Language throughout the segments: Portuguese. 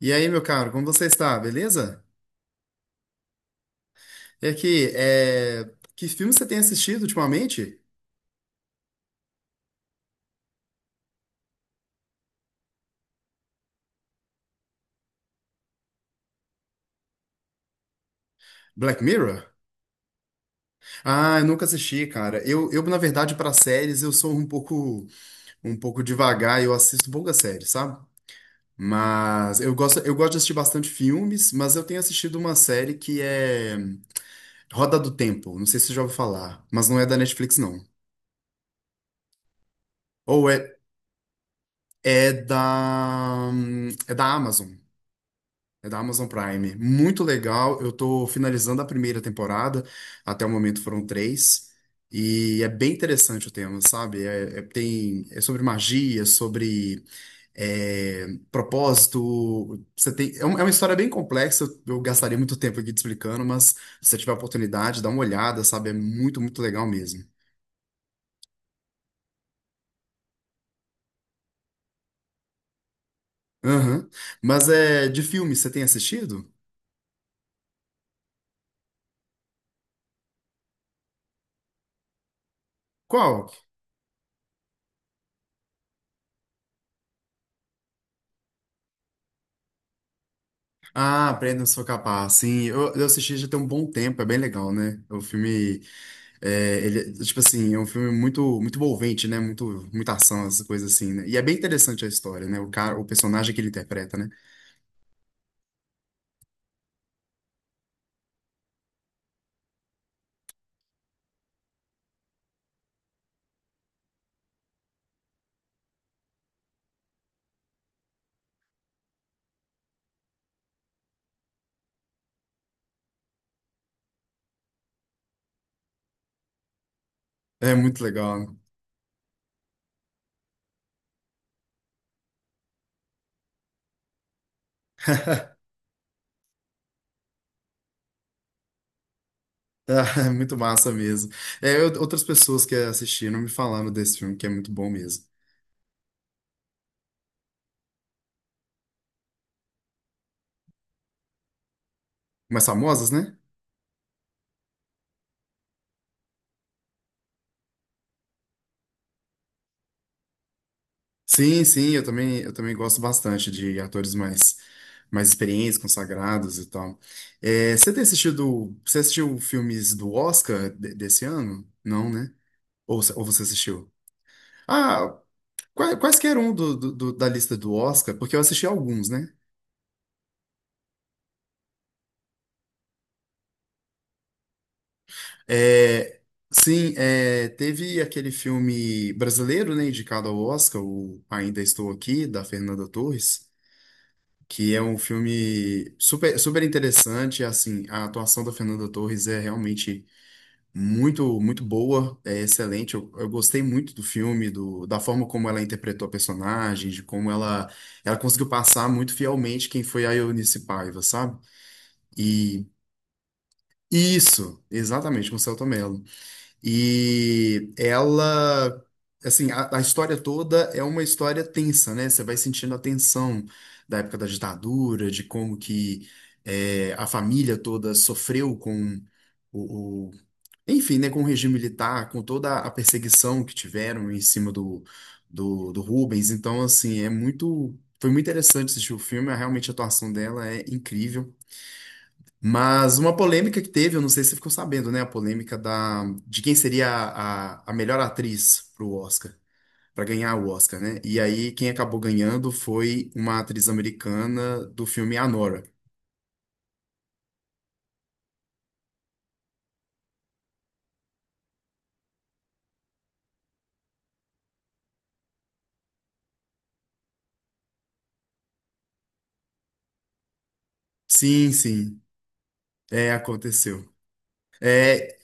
E aí, meu caro, como você está? Beleza? E aqui, que filme você tem assistido ultimamente? Black Mirror? Ah, eu nunca assisti, cara. Eu na verdade, para séries, eu sou um pouco devagar, eu assisto poucas séries, sabe? Mas eu gosto de assistir bastante filmes, mas eu tenho assistido uma série que é Roda do Tempo. Não sei se você já ouviu falar, mas não é da Netflix, não. Ou é, é é da Amazon. É da Amazon Prime. Muito legal. Eu tô finalizando a primeira temporada. Até o momento foram três. E é bem interessante o tema, sabe? É sobre magia, sobre é, propósito. Você tem, é uma história bem complexa. Eu gastaria muito tempo aqui te explicando, mas se você tiver a oportunidade, dá uma olhada, sabe? É muito, muito legal mesmo. Aham. Mas é de filme, você tem assistido? Qual? Ah, Aprenda, Sou Capaz. Sim, eu assisti já tem um bom tempo, é bem legal, né? O filme, ele, tipo assim, é um filme muito, muito envolvente, né? Muito, muita ação, essas coisas assim, né? E é bem interessante a história, né? O cara, o personagem que ele interpreta, né? É muito legal, né? Ah, é muito massa mesmo. Outras pessoas que assistiram me falaram desse filme, que é muito bom mesmo. Mais famosas, né? Sim, sim, eu também gosto bastante de atores mais experientes, consagrados e tal. É, você tem assistido, você assistiu filmes do Oscar desse ano? Não, né? Ou você assistiu? Ah, quaisquer um da lista do Oscar, porque eu assisti alguns, né? É, sim, é, teve aquele filme brasileiro, né, indicado ao Oscar, o Ainda Estou Aqui, da Fernanda Torres, que é um filme super, super interessante, assim, a atuação da Fernanda Torres é realmente muito, muito boa, é excelente, eu gostei muito do filme, do, da forma como ela interpretou a personagem, de como ela conseguiu passar muito fielmente quem foi a Eunice Paiva, sabe? E isso, exatamente, com o Selton Mello. E ela, assim, a história toda é uma história tensa, né? Você vai sentindo a tensão da época da ditadura, de como que é, a família toda sofreu com o, o- enfim, né, com o regime militar, com toda a perseguição que tiveram em cima do Rubens. Então, assim, é muito, foi muito interessante assistir o filme. Realmente a atuação dela é incrível. Mas uma polêmica que teve, eu não sei se você ficou sabendo, né? A polêmica da, de quem seria a melhor atriz pro Oscar, para ganhar o Oscar, né? E aí quem acabou ganhando foi uma atriz americana do filme Anora. Sim, sim, é, aconteceu. É.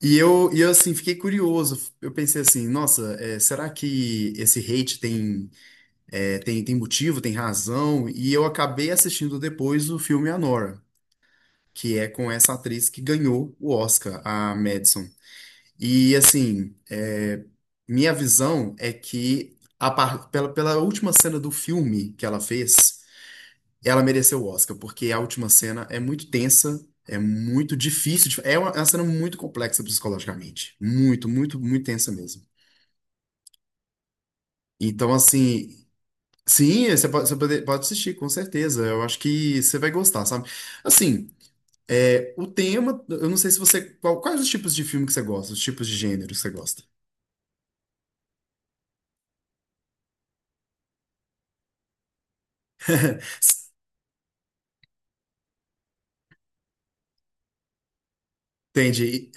E eu assim, fiquei curioso. Eu pensei assim, nossa, é, será que esse hate tem, é, tem motivo, tem razão? E eu acabei assistindo depois o filme Anora, que é com essa atriz que ganhou o Oscar, a Madison. E assim, é, minha visão é que pela, pela última cena do filme que ela fez, ela mereceu o Oscar, porque a última cena é muito tensa, é muito difícil, é uma cena muito complexa psicologicamente, muito, muito, muito tensa mesmo. Então assim, sim, você pode, você pode assistir, com certeza. Eu acho que você vai gostar, sabe? Assim. É, o tema, eu não sei se você. Quais os tipos de filme que você gosta? Os tipos de gênero que você gosta? Entendi.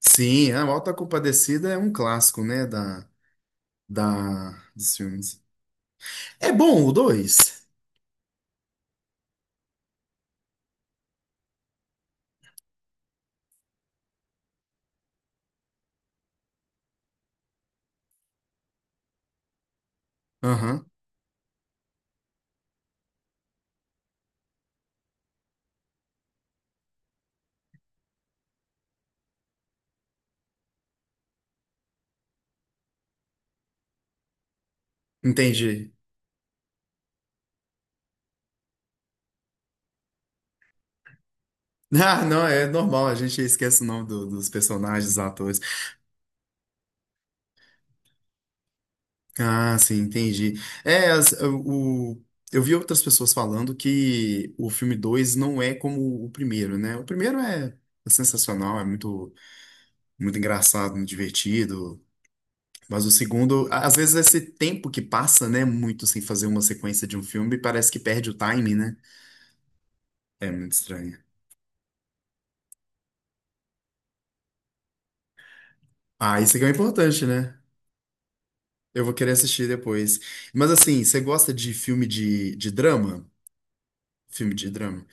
Sim, a Alta Compadecida é um clássico, né? Da, dos filmes. É bom o dois. Aham, entendi. Ah, não, é normal, a gente esquece o nome dos personagens, dos atores. Ah, sim, entendi. É, eu vi outras pessoas falando que o filme 2 não é como o primeiro, né? O primeiro é é sensacional, é muito, muito engraçado, muito divertido. Mas o segundo, a- às vezes esse tempo que passa, né, muito sem fazer uma sequência de um filme, parece que perde o timing, né? É muito estranho. Ah, isso aqui é o importante, né? Eu vou querer assistir depois. Mas assim, você gosta de filme de drama? Filme de drama.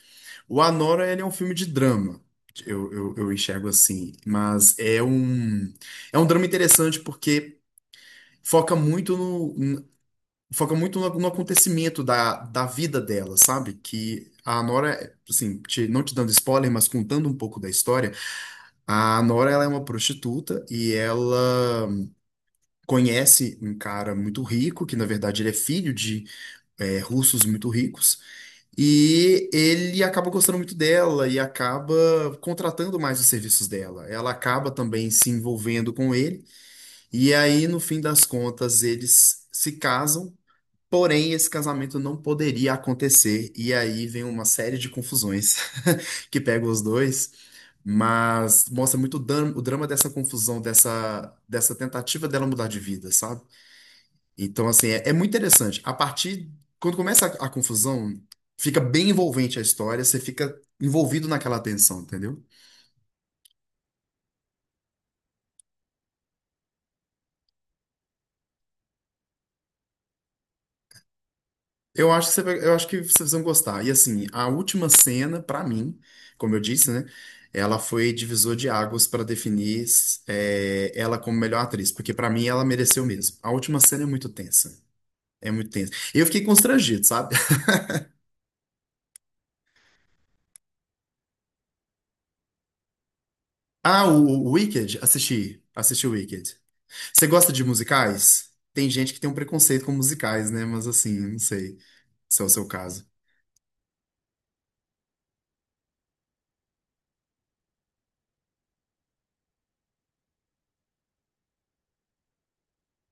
O Anora, ele é um filme de drama. Eu enxergo assim. Mas é um drama interessante porque foca muito foca muito no acontecimento da vida dela, sabe? Que a Nora, assim, não te dando spoiler, mas contando um pouco da história, a Nora ela é uma prostituta e ela conhece um cara muito rico, que na verdade ele é filho de é, russos muito ricos, e ele acaba gostando muito dela e acaba contratando mais os serviços dela. Ela acaba também se envolvendo com ele, e aí no fim das contas eles se casam. Porém, esse casamento não poderia acontecer, e aí vem uma série de confusões que pegam os dois, mas mostra muito o drama dessa confusão, dessa, dessa tentativa dela mudar de vida, sabe? Então, assim, é, é muito interessante. A partir, quando começa a confusão, fica bem envolvente a história, você fica envolvido naquela tensão, entendeu? Eu acho que eu acho que vocês vão gostar. E assim, a última cena, pra mim, como eu disse, né? Ela foi divisor de águas pra definir é, ela como melhor atriz, porque pra mim ela mereceu mesmo. A última cena é muito tensa. É muito tensa. Eu fiquei constrangido, sabe? Ah, o Wicked, assisti. Assisti o Wicked. Você gosta de musicais? Tem gente que tem um preconceito com musicais, né? Mas assim, não sei se é o seu caso.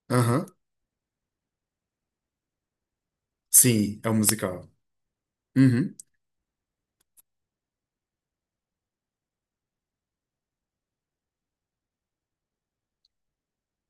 Aham. Sim, é um musical. Uhum.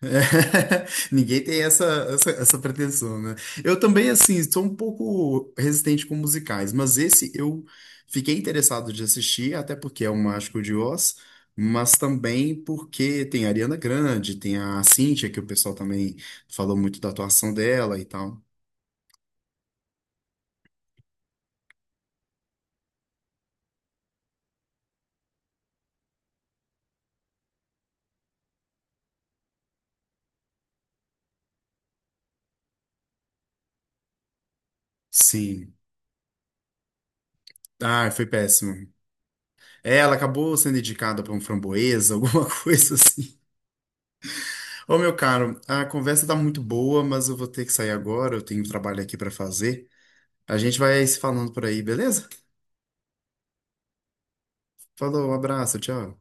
Ninguém tem essa pretensão, né? Eu também, assim, sou um pouco resistente com musicais, mas esse eu fiquei interessado de assistir, até porque é o Mágico de Oz, mas também porque tem a Ariana Grande, tem a Cíntia, que o pessoal também falou muito da atuação dela e tal. Sim. Ah, foi péssimo. É, ela acabou sendo indicada para um framboesa, alguma coisa assim. Ô, meu caro, a conversa tá muito boa, mas eu vou ter que sair agora, eu tenho um trabalho aqui para fazer. A gente vai se falando por aí, beleza? Falou, um abraço, tchau.